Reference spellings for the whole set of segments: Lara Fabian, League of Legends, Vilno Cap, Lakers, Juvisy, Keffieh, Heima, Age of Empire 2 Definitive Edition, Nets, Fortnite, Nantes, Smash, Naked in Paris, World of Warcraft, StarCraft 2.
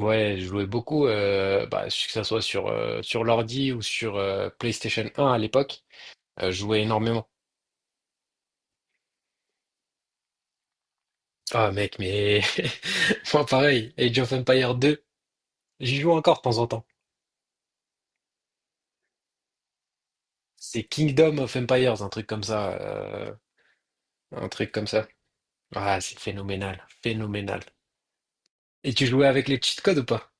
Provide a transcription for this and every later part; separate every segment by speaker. Speaker 1: Ouais, je jouais beaucoup, que ça soit sur, sur l'ordi ou sur PlayStation 1 à l'époque, je jouais énormément. Ah mec, mais moi pareil, Age of Empires 2, j'y joue encore de temps en temps. C'est Kingdom of Empires, un truc comme ça, un truc comme ça. Ah, c'est phénoménal, phénoménal. Et tu jouais avec les cheat codes ou pas?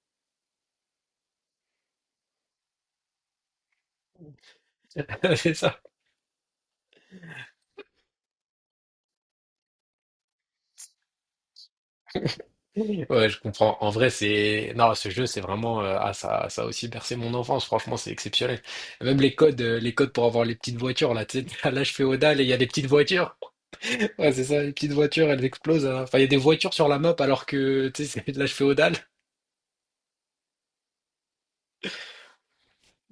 Speaker 1: C'est ça. Ouais, je comprends. En vrai, c'est... Non, ce jeu, c'est vraiment... Ah, ça a aussi bercé mon enfance. Franchement, c'est exceptionnel. Même les codes, les codes pour avoir les petites voitures, là, tu sais, à l'âge féodal, et il y a des petites voitures. Ouais, c'est ça, les petites voitures, elles explosent, hein. Enfin, il y a des voitures sur la map alors que, tu sais, c'est de l'âge féodal.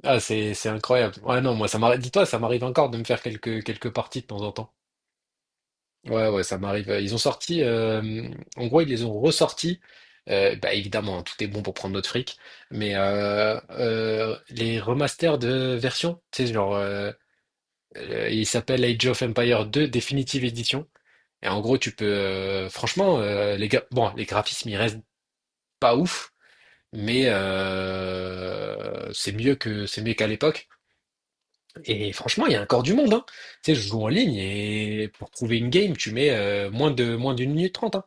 Speaker 1: Ah, c'est incroyable. Ouais, non, moi, ça m'arrive... Dis-toi, ça m'arrive encore de me faire quelques parties de temps en temps. Ouais, ouais, ça m'arrive. Ils ont sorti, en gros, ils les ont ressortis. Évidemment, hein, tout est bon pour prendre notre fric, mais les remasters de versions, tu sais, genre, il s'appelle Age of Empire 2 Definitive Edition. Et en gros, tu peux, franchement, bon, les graphismes, ils restent pas ouf, mais c'est mieux que c'est mieux qu'à l'époque. Et franchement, il y a encore du monde, hein. Tu sais, je joue en ligne et pour trouver une game, tu mets moins d'une minute trente, hein.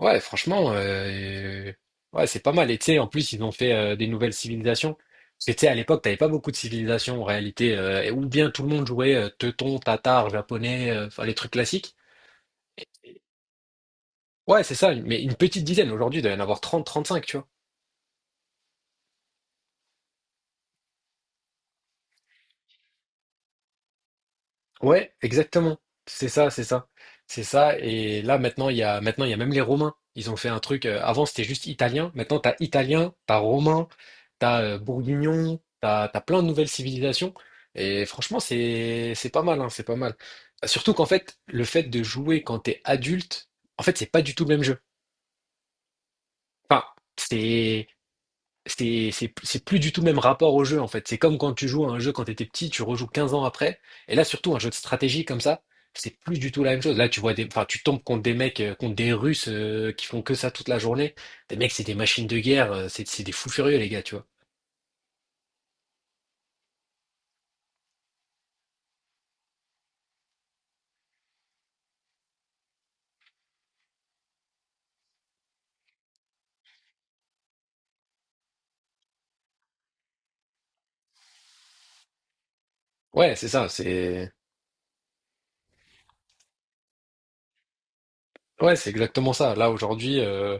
Speaker 1: Ouais, franchement, ouais, c'est pas mal. Et tu sais, en plus, ils ont fait des nouvelles civilisations. Parce que tu sais, à l'époque, t'avais pas beaucoup de civilisations en réalité, ou bien tout le monde jouait teuton, tatar, japonais, enfin les trucs classiques. Ouais, c'est ça, mais une petite dizaine. Aujourd'hui, il doit y en avoir 30, 35, tu vois. Ouais, exactement. C'est ça, c'est ça. C'est ça. Et là, maintenant, maintenant, il y a même les Romains. Ils ont fait un truc. Avant, c'était juste italien. Maintenant, t'as italien, t'as romain, t'as bourguignon, t'as plein de nouvelles civilisations. Et franchement, c'est pas mal, hein, c'est pas mal. Surtout qu'en fait, le fait de jouer quand t'es adulte, en fait, c'est pas du tout le même jeu. Enfin, c'est, c'est plus du tout le même rapport au jeu en fait. C'est comme quand tu joues à un jeu quand tu étais petit, tu rejoues 15 ans après. Et là, surtout un jeu de stratégie comme ça, c'est plus du tout la même chose. Là, enfin, tu tombes contre des mecs, contre des Russes qui font que ça toute la journée. Des mecs, c'est des machines de guerre, c'est des fous furieux les gars, tu vois. Ouais, c'est ça, c'est ouais, c'est exactement ça. Là aujourd'hui,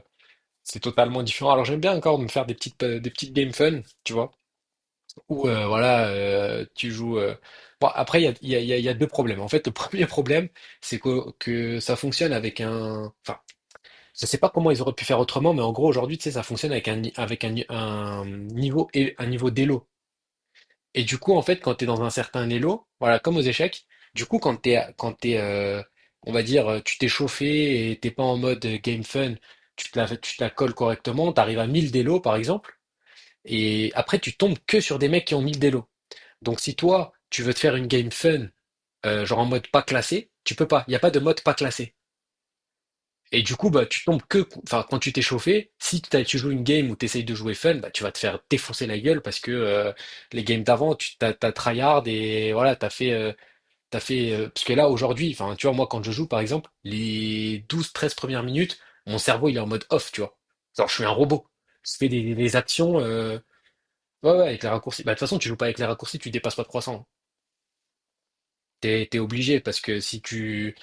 Speaker 1: c'est totalement différent. Alors j'aime bien encore me faire des petites games fun, tu vois. Ou voilà, tu joues. Bon, après, il y a, il y a- il y a- il y a deux problèmes. En fait, le premier problème, c'est que ça fonctionne avec un. Enfin, je sais pas comment ils auraient pu faire autrement, mais en gros, aujourd'hui, tu sais, ça fonctionne avec un, ni- un niveau et un niveau d'élo. Et du coup, en fait, quand tu es dans un certain élo, voilà, comme aux échecs, du coup, quand t'es, on va dire, tu t'es chauffé et t'es pas en mode game fun, tu te la colles correctement, t'arrives à 1000 d'élo, par exemple, et après, tu tombes que sur des mecs qui ont 1000 d'élo. Donc si toi, tu veux te faire une game fun, genre en mode pas classé, tu peux pas. Il n'y a pas de mode pas classé. Et du coup, bah, enfin, quand tu t'es chauffé, si t'as- tu joues une game où tu essayes de jouer fun, bah, tu vas te faire défoncer la gueule parce que les games d'avant, tu t'as, tryhard et voilà, t'as fait, parce que là, aujourd'hui, enfin, tu vois, moi, quand je joue, par exemple, les 12 13 premières minutes, mon cerveau, il est en mode off, tu vois. Genre, je suis un robot. Je fais des actions, ouais, ouais, avec les raccourcis. Bah, de toute façon, tu joues pas avec les raccourcis, tu dépasses pas 300. T'es obligé parce que si tu,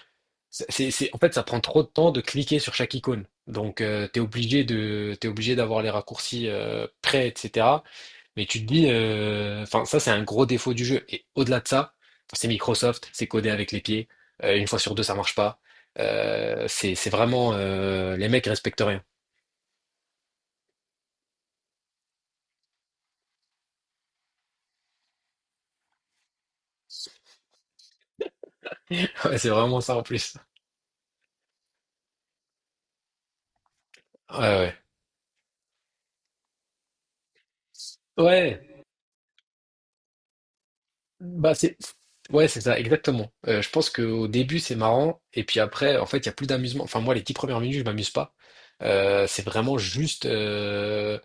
Speaker 1: en fait, ça prend trop de temps de cliquer sur chaque icône. Donc, t'es obligé d'avoir les raccourcis prêts, etc. Mais tu te dis, enfin, ça, c'est un gros défaut du jeu. Et au-delà de ça, c'est Microsoft, c'est codé avec les pieds. Une fois sur deux, ça marche pas. C'est vraiment, les mecs respectent rien. Ouais, c'est vraiment ça en plus. Ouais, ouais. Ouais. Bah c'est Ouais, c'est ça exactement. Je pense qu'au début c'est marrant et puis après en fait il y a plus d'amusement. Enfin moi les 10 premières minutes je m'amuse pas. C'est vraiment juste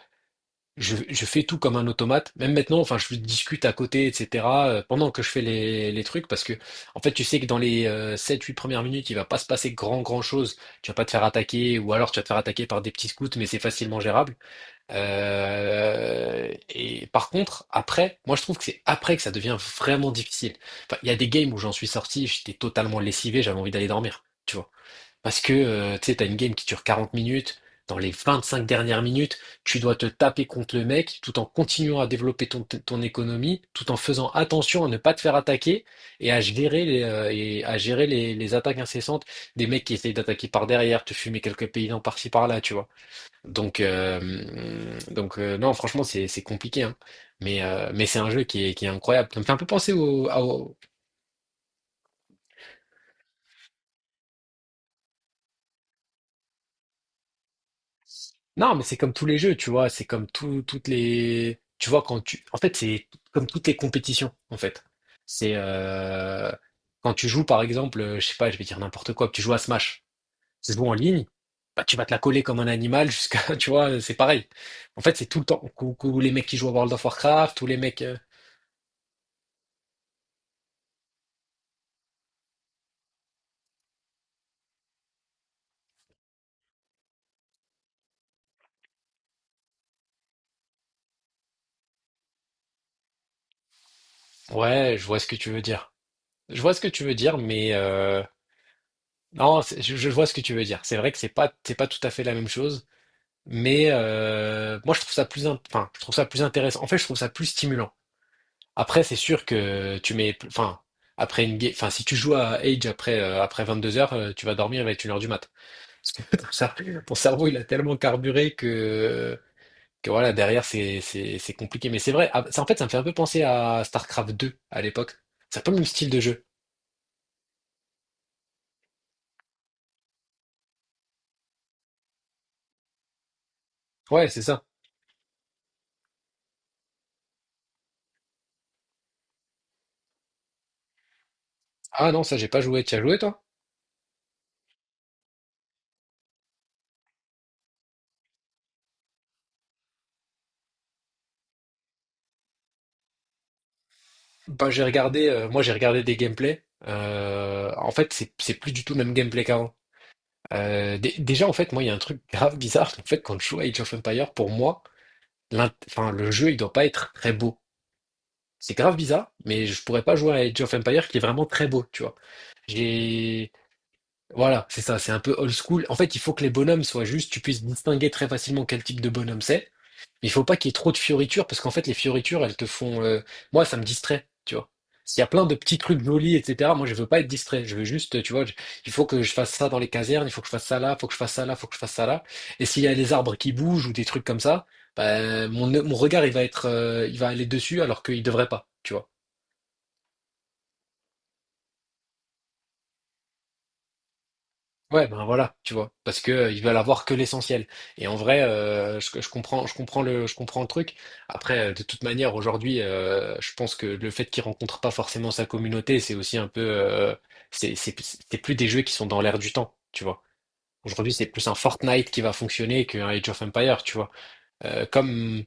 Speaker 1: je fais tout comme un automate. Même maintenant enfin je discute à côté etc. Pendant que je fais les trucs parce que en fait tu sais que dans les 7 8 premières minutes il va pas se passer grand grand chose. Tu vas pas te faire attaquer ou alors tu vas te faire attaquer par des petits scouts mais c'est facilement gérable. Et par contre, après, moi je trouve que c'est après que ça devient vraiment difficile. Enfin, il y a des games où j'en suis sorti, j'étais totalement lessivé, j'avais envie d'aller dormir, tu vois. Parce que, tu sais, t'as une game qui dure 40 minutes, dans les 25 dernières minutes, tu dois te taper contre le mec tout en continuant à développer ton économie, tout en faisant attention à ne pas te faire attaquer et à gérer les, et à gérer les attaques incessantes des mecs qui essayent d'attaquer par derrière, te fumer quelques paysans par-ci par-là, tu vois. Donc, non, franchement, c'est compliqué, hein. Mais c'est un jeu qui est incroyable. Ça me fait un peu penser au... Non, mais c'est comme tous les jeux, tu vois. C'est comme tout, toutes les... Tu vois, quand tu... En fait, c'est comme toutes les compétitions, en fait. C'est... Quand tu joues, par exemple, je sais pas, je vais dire n'importe quoi, tu joues à Smash, ça se en ligne, bah, tu vas te la coller comme un animal jusqu'à... Tu vois, c'est pareil. En fait, c'est tout le temps. Tous les mecs qui jouent à World of Warcraft, tous les mecs... Ouais, je vois ce que tu veux dire. Je vois ce que tu veux dire, mais non, je vois ce que tu veux dire. C'est vrai que c'est pas tout à fait la même chose, mais moi je trouve ça plus, enfin, je trouve ça plus intéressant. En fait, je trouve ça plus stimulant. Après, c'est sûr que tu mets, enfin, enfin, si tu joues à Age après 2 heures, tu vas dormir avec 1 heure du mat. Parce que ton cerveau, il a tellement carburé que voilà, derrière c'est compliqué. Mais c'est vrai, ah, ça, en fait, ça me fait un peu penser à StarCraft 2 à l'époque. C'est un peu le même style de jeu. Ouais, c'est ça. Ah non, ça j'ai pas joué, t'y as joué toi? Bah j'ai regardé, moi j'ai regardé des gameplays. En fait, c'est plus du tout le même gameplay qu'avant. Déjà en fait, moi il y a un truc grave bizarre. En fait, quand je joue à Age of Empires, pour moi, enfin le jeu il doit pas être très beau. C'est grave bizarre, mais je pourrais pas jouer à Age of Empires qui est vraiment très beau, tu vois. J'ai Voilà, c'est ça, c'est un peu old school. En fait, il faut que les bonhommes soient justes, tu puisses distinguer très facilement quel type de bonhomme c'est. Mais il faut pas qu'il y ait trop de fioritures, parce qu'en fait, les fioritures, elles te font... Moi, ça me distrait, tu vois. S'il y a plein de petits trucs jolis, etc., moi, je veux pas être distrait. Je veux juste, tu vois, il faut que je fasse ça dans les casernes, il faut que je fasse ça là, il faut que je fasse ça là, il faut que je fasse ça là. Et s'il y a des arbres qui bougent ou des trucs comme ça, ben, mon regard, il va aller dessus alors qu'il devrait pas, tu vois. Ouais, ben voilà, tu vois, parce que ils veulent avoir que l'essentiel. Et en vrai, je comprends, je comprends le truc. Après, de toute manière, aujourd'hui, je pense que le fait qu'il rencontre pas forcément sa communauté, c'est aussi un peu, c'est plus des jeux qui sont dans l'air du temps, tu vois. Aujourd'hui, c'est plus un Fortnite qui va fonctionner qu'un Age of Empires, tu vois. Comme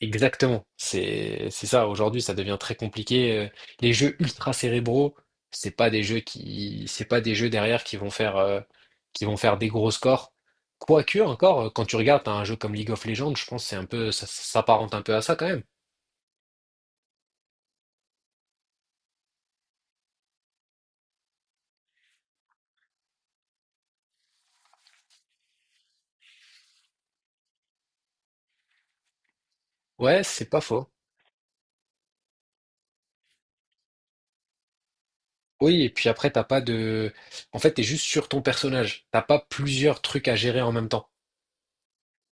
Speaker 1: Exactement. C'est ça. Aujourd'hui, ça devient très compliqué. Les jeux ultra cérébraux, c'est pas des jeux derrière qui vont faire des gros scores. Quoique encore, quand tu regardes t'as un jeu comme League of Legends, je pense que c'est un peu ça. Ça s'apparente un peu à ça quand même. Ouais, c'est pas faux. Oui, et puis après t'as pas de en fait t'es juste sur ton personnage. T'as pas plusieurs trucs à gérer en même temps.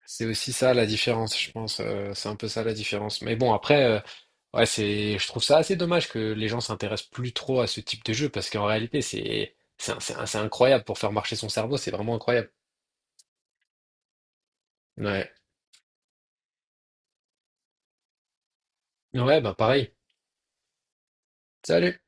Speaker 1: C'est aussi ça la différence, je pense. C'est un peu ça la différence. Mais bon, après, ouais, je trouve ça assez dommage que les gens s'intéressent plus trop à ce type de jeu parce qu'en réalité, c'est incroyable pour faire marcher son cerveau. C'est vraiment incroyable. Ouais. Ouais, bah pareil. Salut.